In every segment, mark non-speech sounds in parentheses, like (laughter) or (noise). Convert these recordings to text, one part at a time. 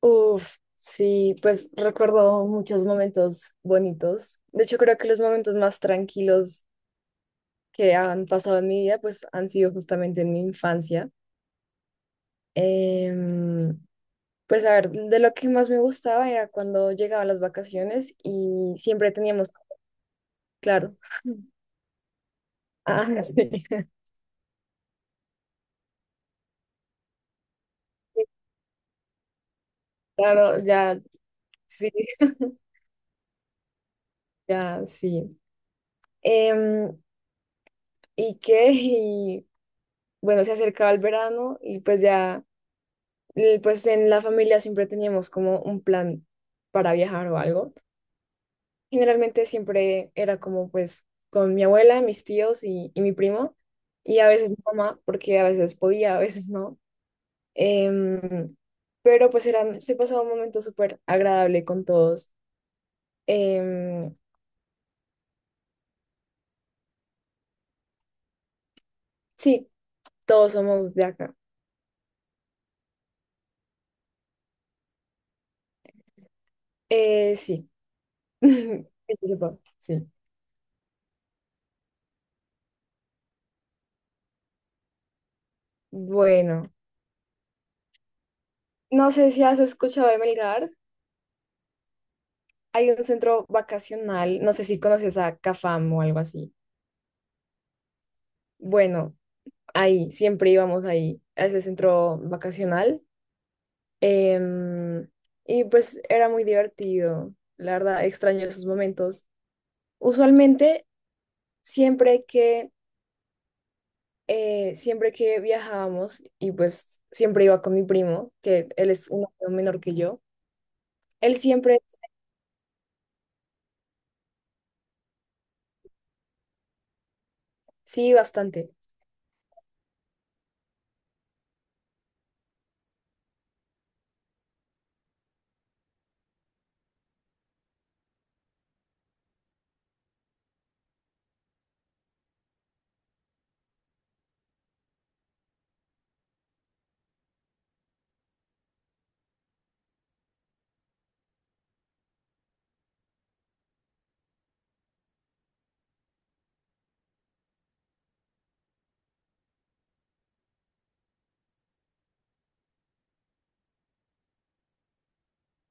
Uf, sí, pues recuerdo muchos momentos bonitos. De hecho, creo que los momentos más tranquilos que han pasado en mi vida, pues han sido justamente en mi infancia. Em, pues a ver, de lo que más me gustaba era cuando llegaban las vacaciones y siempre teníamos, claro, ah, (laughs) sí, claro, ya, sí. (laughs) Ya, sí. Em, y qué y, bueno, se acercaba el verano y pues ya pues en la familia siempre teníamos como un plan para viajar o algo. Generalmente siempre era como pues con mi abuela, mis tíos y mi primo, y a veces mi mamá, porque a veces podía, a veces no. Em, pero pues se pasaba un momento súper agradable con todos. Em, sí, todos somos de acá. Sí, (laughs) que yo sepa, sí. Bueno, no sé si has escuchado de Melgar. Hay un centro vacacional, no sé si conoces a Cafam o algo así. Bueno, ahí, siempre íbamos ahí, a ese centro vacacional. Em, y pues era muy divertido, la verdad, extraño esos momentos. Usualmente, siempre que, siempre que viajábamos, y pues siempre iba con mi primo, que él es un año menor que yo, él siempre, sí, bastante.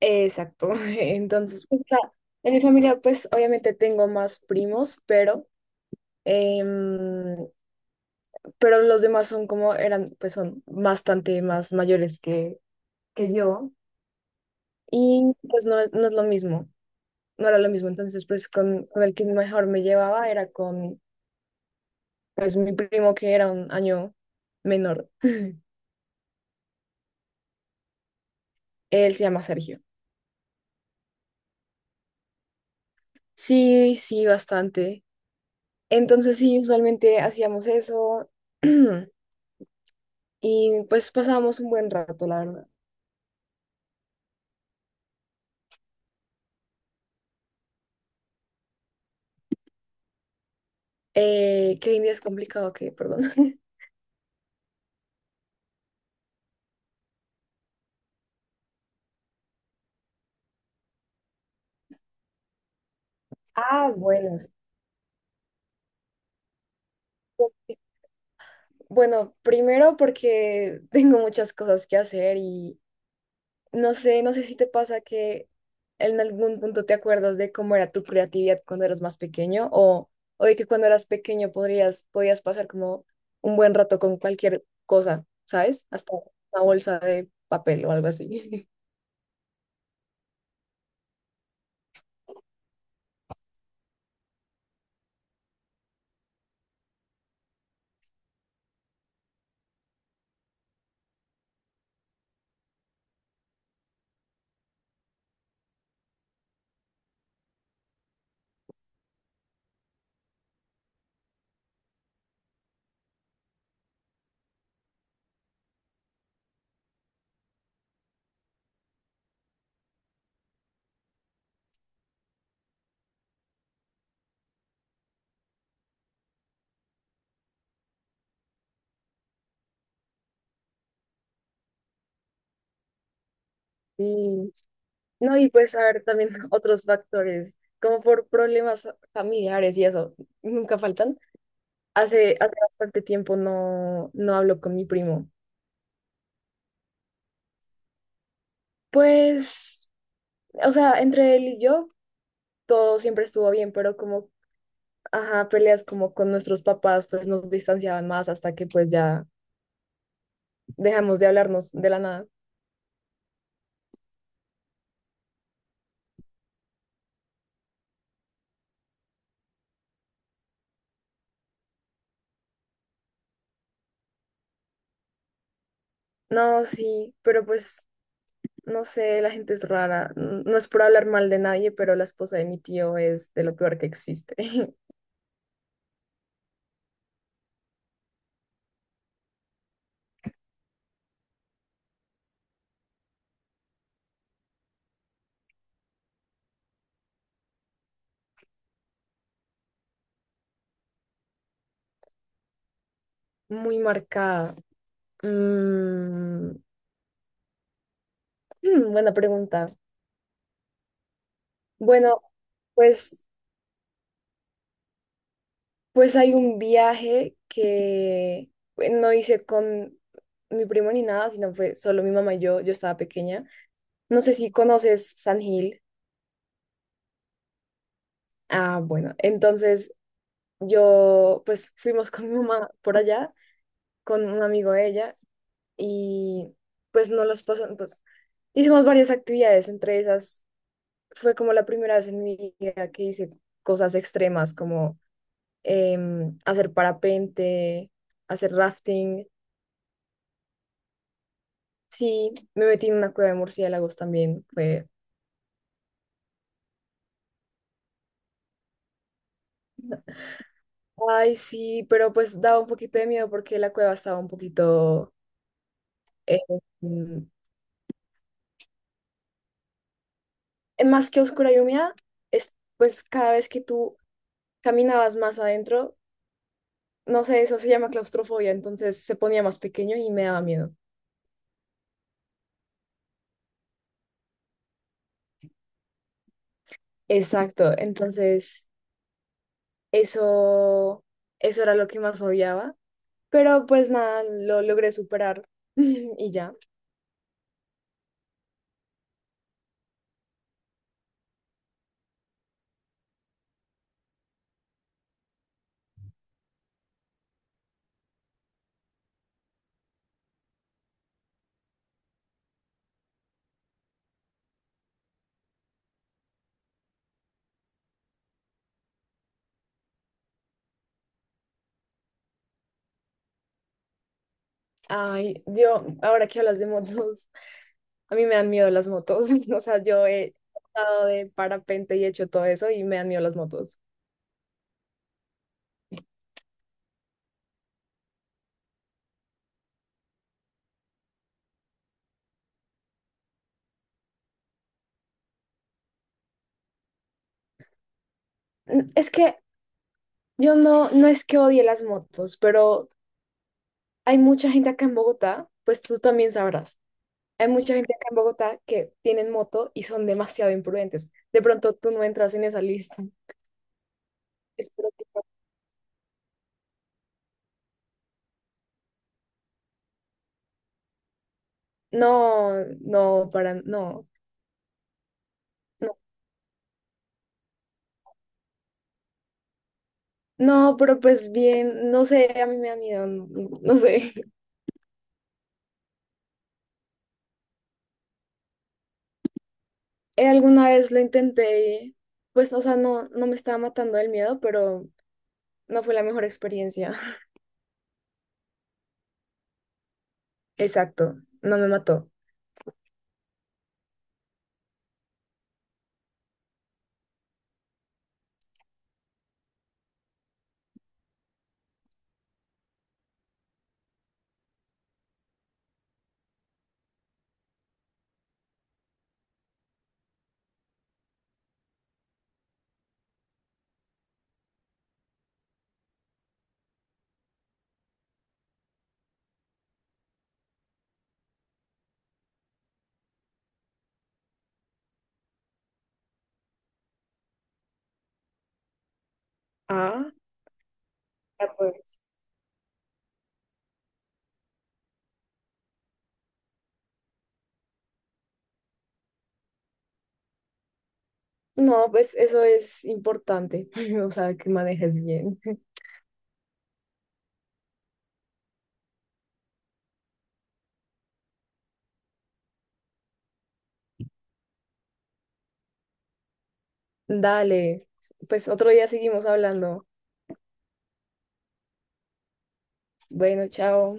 Exacto. (laughs) Entonces, o sea, en mi familia, pues obviamente tengo más primos, pero, em, pero los demás son pues son bastante más mayores que yo. Y pues no es lo mismo, no era lo mismo. Entonces, pues con el que mejor me llevaba era con, pues mi primo que era un año menor. Él se llama Sergio. Sí, sí, bastante. Entonces, sí, usualmente hacíamos eso. (clears throat) Y pues pasábamos un buen rato, la verdad. Que hoy en día es complicado, que, perdón. (laughs) Ah, bueno, sí. Bueno, primero porque (laughs) tengo muchas cosas que hacer y no sé si te pasa que en algún punto te acuerdas de cómo era tu creatividad cuando eras más pequeño o de que cuando eras pequeño podías pasar como un buen rato con cualquier cosa, ¿sabes? Hasta una bolsa de papel o algo así. (laughs) Sí. No, y puedes saber también (laughs) otros factores, como por problemas familiares y eso, nunca faltan. Hace bastante tiempo no hablo con mi primo. Pues, o sea, entre él y yo todo siempre estuvo bien, pero como, ajá, peleas como con nuestros papás, pues nos distanciaban más hasta que pues ya dejamos de hablarnos de la nada. No, sí, pero pues, no sé, la gente es rara. No es por hablar mal de nadie, pero la esposa de mi tío es de lo peor que existe. (laughs) Muy marcada. Mm, (laughs) hmm, buena pregunta. Bueno, pues, pues hay un viaje que pues, no hice con mi primo ni nada, sino fue solo mi mamá y yo. Yo estaba pequeña. No sé si conoces San Gil. Ah, bueno, entonces yo pues fuimos con mi mamá por allá, con un amigo de ella, y pues no los pasan, pues hicimos varias actividades, entre esas fue como la primera vez en mi vida que hice cosas extremas como hacer parapente, hacer rafting. Sí, me metí en una cueva de murciélagos también. Fue, ay, sí, pero pues daba un poquito de miedo porque la cueva estaba un poquito, em, más que oscura y húmeda, es, pues cada vez que tú caminabas más adentro, no sé, eso se llama claustrofobia, entonces se ponía más pequeño y me daba miedo. Exacto, entonces... Eso, eso era lo que más odiaba, pero pues nada, lo logré superar (laughs) y ya. Ay, yo, ahora que hablas de motos, a mí me dan miedo las motos, (laughs) o sea, yo he estado de parapente y he hecho todo eso y me dan miedo las motos. Mm, es que yo no, no es que odie las motos, pero hay mucha gente acá en Bogotá, pues tú también sabrás. Hay mucha gente acá en Bogotá que tienen moto y son demasiado imprudentes. De pronto tú no entras en esa lista. Espero. No, no, para, no, no, no, pero pues bien, no sé, a mí me da miedo, no, no sé. (laughs) Alguna vez lo intenté, y, pues, o sea, no, no me estaba matando el miedo, pero no fue la mejor experiencia. (laughs) Exacto, no me mató. Ah, ah, pues. No, pues eso es importante, (laughs) o sea, que manejes bien. (laughs) Dale, pues otro día seguimos hablando. Bueno, chao.